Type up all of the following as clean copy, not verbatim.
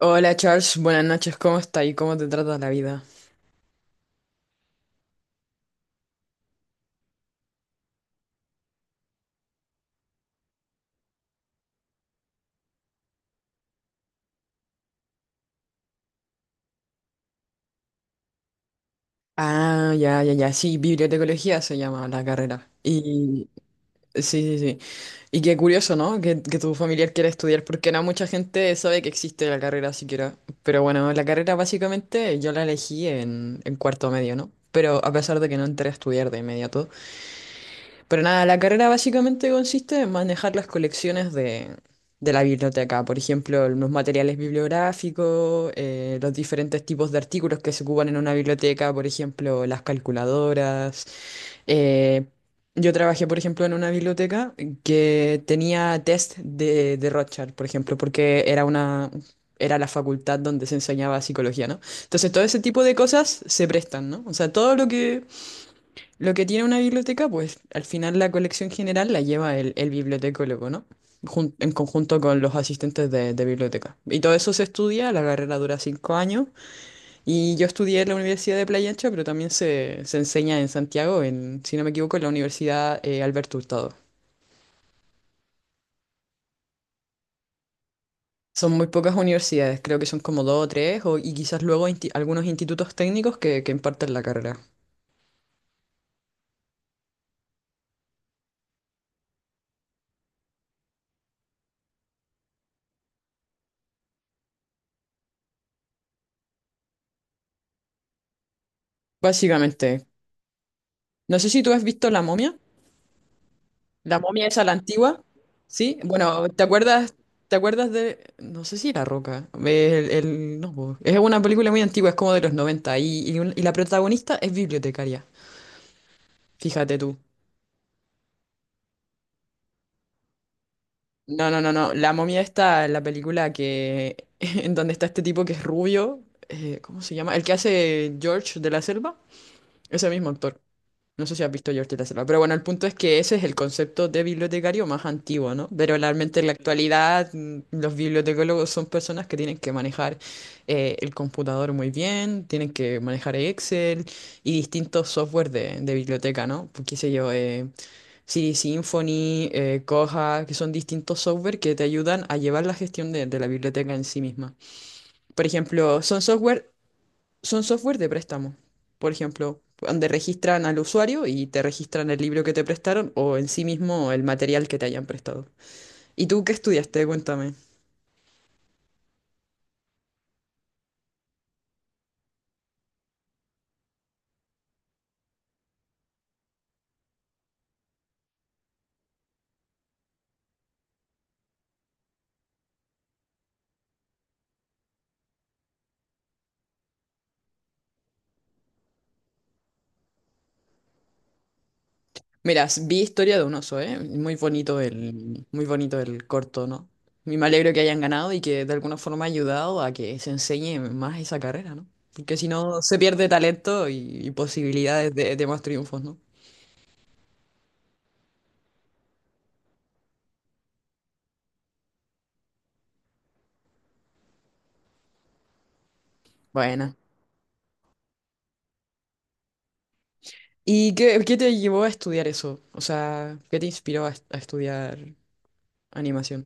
Hola Charles, buenas noches, ¿cómo está y cómo te trata la vida? Ah, ya, ya, ya, sí, bibliotecología se llama la carrera. Y sí, sí, sí. Y qué curioso, ¿no? Que tu familiar quiera estudiar, porque no mucha gente sabe que existe la carrera siquiera. Pero bueno, la carrera básicamente yo la elegí en cuarto medio, ¿no? Pero a pesar de que no entré a estudiar de inmediato, pero nada, la carrera básicamente consiste en manejar las colecciones de la biblioteca, por ejemplo, los materiales bibliográficos, los diferentes tipos de artículos que se ocupan en una biblioteca, por ejemplo, las calculadoras. eh, yo trabajé, por ejemplo, en una biblioteca que tenía test de Rorschach, por ejemplo, porque era una... era la facultad donde se enseñaba psicología, ¿no? Entonces, todo ese tipo de cosas se prestan, ¿no? O sea, todo lo que tiene una biblioteca, pues al final la colección general la lleva el bibliotecólogo, ¿no? En conjunto con los asistentes de biblioteca. Y todo eso se estudia, la carrera dura 5 años, y yo estudié en la Universidad de Playa Ancha, pero también se enseña en Santiago, en, si no me equivoco, en la Universidad Alberto Hurtado. Son muy pocas universidades, creo que son como dos o tres, y quizás luego algunos institutos técnicos que imparten la carrera. Básicamente, no sé si tú has visto La Momia. La momia esa, la antigua, ¿sí? Bueno, ¿te acuerdas de, no sé si La Roca, no, po. Es una película muy antigua, es como de los 90 y y la protagonista es bibliotecaria, fíjate tú. No, no, no, no, la momia está en la película que, en donde está este tipo que es rubio, ¿cómo se llama? El que hace George de la Selva, ese mismo actor. No sé si has visto George de la Selva, pero bueno, el punto es que ese es el concepto de bibliotecario más antiguo, ¿no? Pero realmente en la actualidad los bibliotecólogos son personas que tienen que manejar el computador muy bien, tienen que manejar Excel y distintos software de biblioteca, ¿no? Pues, qué sé yo, CD Symfony, Koha, que son distintos software que te ayudan a llevar la gestión de la biblioteca en sí misma. Por ejemplo, son software de préstamo, por ejemplo, donde registran al usuario y te registran el libro que te prestaron o en sí mismo el material que te hayan prestado. ¿Y tú qué estudiaste? Cuéntame. Mira, vi Historia de un oso, ¿eh? Muy bonito muy bonito el corto, ¿no? Y me alegro que hayan ganado y que de alguna forma ha ayudado a que se enseñe más esa carrera, ¿no? Porque si no, se pierde talento y posibilidades de más triunfos, ¿no? Buena. ¿Y qué te llevó a estudiar eso? O sea, ¿qué te inspiró a estudiar animación?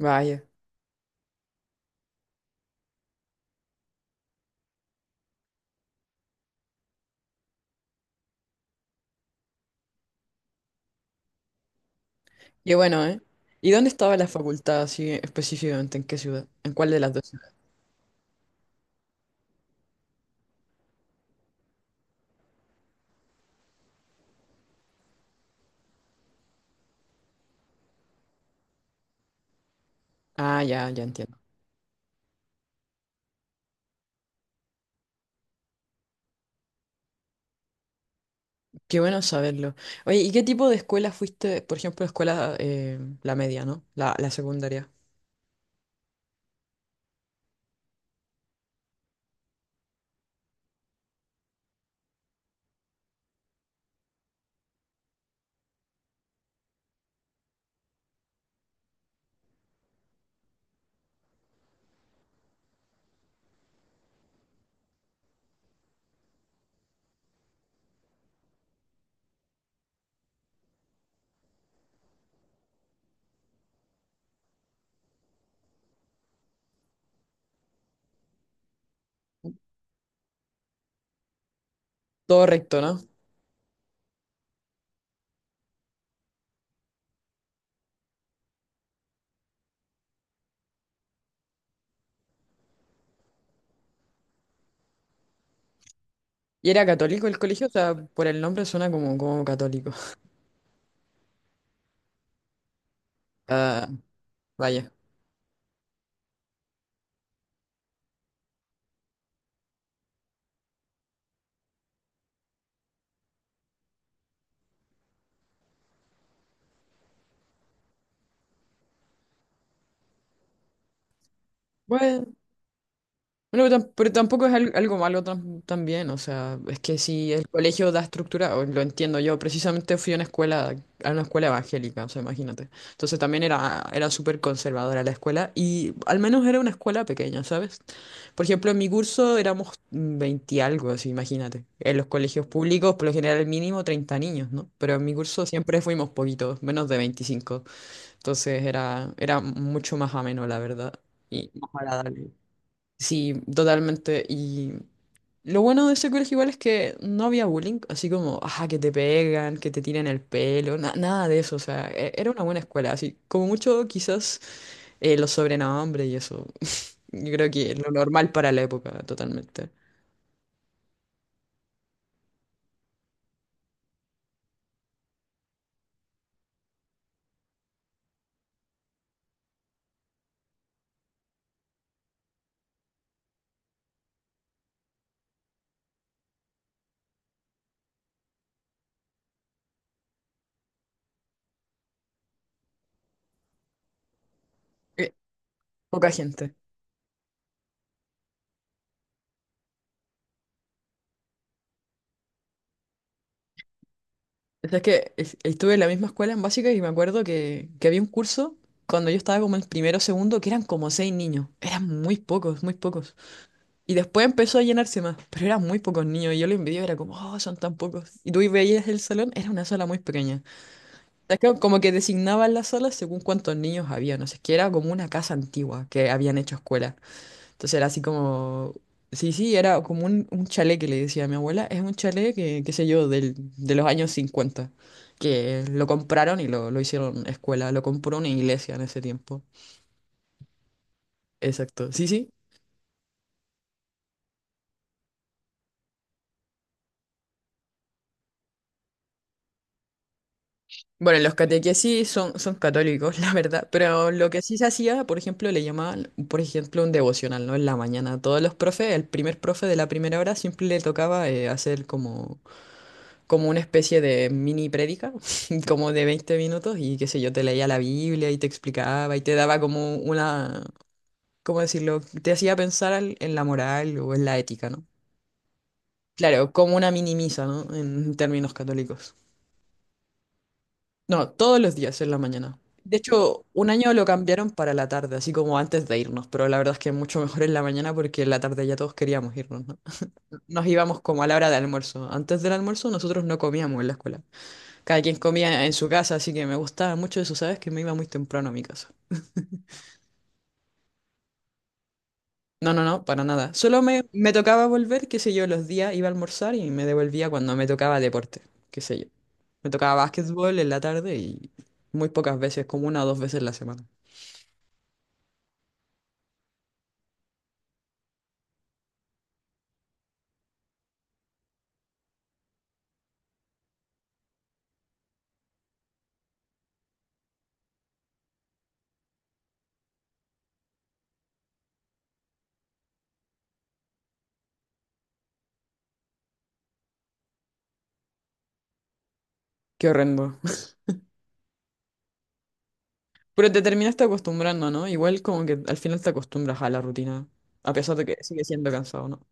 Vaya. Qué bueno, ¿eh? ¿Y dónde estaba la facultad así específicamente? ¿En qué ciudad? ¿En cuál de las dos ciudades? Ah, ya, ya entiendo. Qué bueno saberlo. Oye, ¿y qué tipo de escuela fuiste? Por ejemplo, escuela, la media, ¿no? La secundaria. Todo recto, ¿no? ¿Y era católico el colegio? O sea, por el nombre suena como, como católico. Ah, vaya. Bueno. Bueno, pero tampoco es algo malo también, o sea, es que si el colegio da estructura, o lo entiendo yo, precisamente fui a una escuela evangélica, o sea, imagínate. Entonces también era, era súper conservadora la escuela y al menos era una escuela pequeña, ¿sabes? Por ejemplo, en mi curso éramos 20 y algo, así, imagínate. En los colegios públicos, por lo general, el mínimo 30 niños, ¿no? Pero en mi curso siempre fuimos poquitos, menos de 25, entonces era, era mucho más ameno, la verdad, y más agradable. Sí, totalmente. Y lo bueno de ese colegio igual es que no había bullying, así como, ajá, que te pegan, que te tiran el pelo, nada de eso. O sea, era una buena escuela, así como mucho quizás los sobrenombres y eso. Yo creo que lo normal para la época, totalmente. Eh, Poca gente. O sea, es que estuve en la misma escuela en básica y me acuerdo que había un curso cuando yo estaba como en primero o segundo que eran como seis niños. Eran muy pocos, muy pocos. Y después empezó a llenarse más, pero eran muy pocos niños y yo lo envidiaba, era como, oh, son tan pocos. Y tú veías el salón, era una sala muy pequeña. O sea, que como que designaban las salas según cuántos niños había, no sé, es que era como una casa antigua que habían hecho escuela. Entonces era así como, sí, sí, era como un chalet que le decía a mi abuela, es un chalet que, qué sé yo, de los años 50 que lo compraron lo hicieron escuela, lo compró una iglesia en ese tiempo. Exacto, sí, sí. Bueno, los catequesis son católicos, la verdad, pero lo que sí se hacía, por ejemplo, le llamaban, por ejemplo, un devocional, ¿no? En la mañana, todos los profes, el primer profe de la primera hora siempre le tocaba hacer como, como una especie de mini prédica, como de 20 minutos, y qué sé yo, te leía la Biblia y te explicaba y te daba como una, ¿cómo decirlo? Te hacía pensar en la moral o en la ética, ¿no? Claro, como una mini misa, ¿no? En términos católicos. No, todos los días en la mañana. De hecho, un año lo cambiaron para la tarde, así como antes de irnos, pero la verdad es que mucho mejor en la mañana porque en la tarde ya todos queríamos irnos, ¿no? Nos íbamos como a la hora de almuerzo. Antes del almuerzo nosotros no comíamos en la escuela. Cada quien comía en su casa, así que me gustaba mucho eso, ¿sabes? Que me iba muy temprano a mi casa. No, no, no, para nada. Solo me tocaba volver, qué sé yo, los días iba a almorzar y me devolvía cuando me tocaba deporte, qué sé yo. Me tocaba básquetbol en la tarde y muy pocas veces, como una o dos veces la semana. Qué horrendo. Pero te terminaste acostumbrando, ¿no? Igual como que al final te acostumbras a la rutina, a pesar de que sigue siendo cansado, ¿no?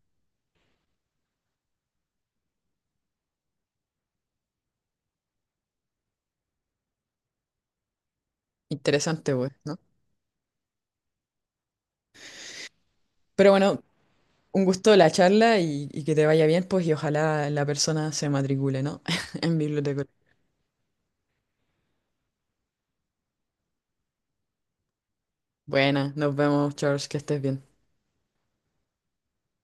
Interesante, pues, ¿no? Pero bueno, un gusto la charla y que te vaya bien, pues, y ojalá la persona se matricule, ¿no? En biblioteca. Buena, nos vemos, Charles, que estés bien.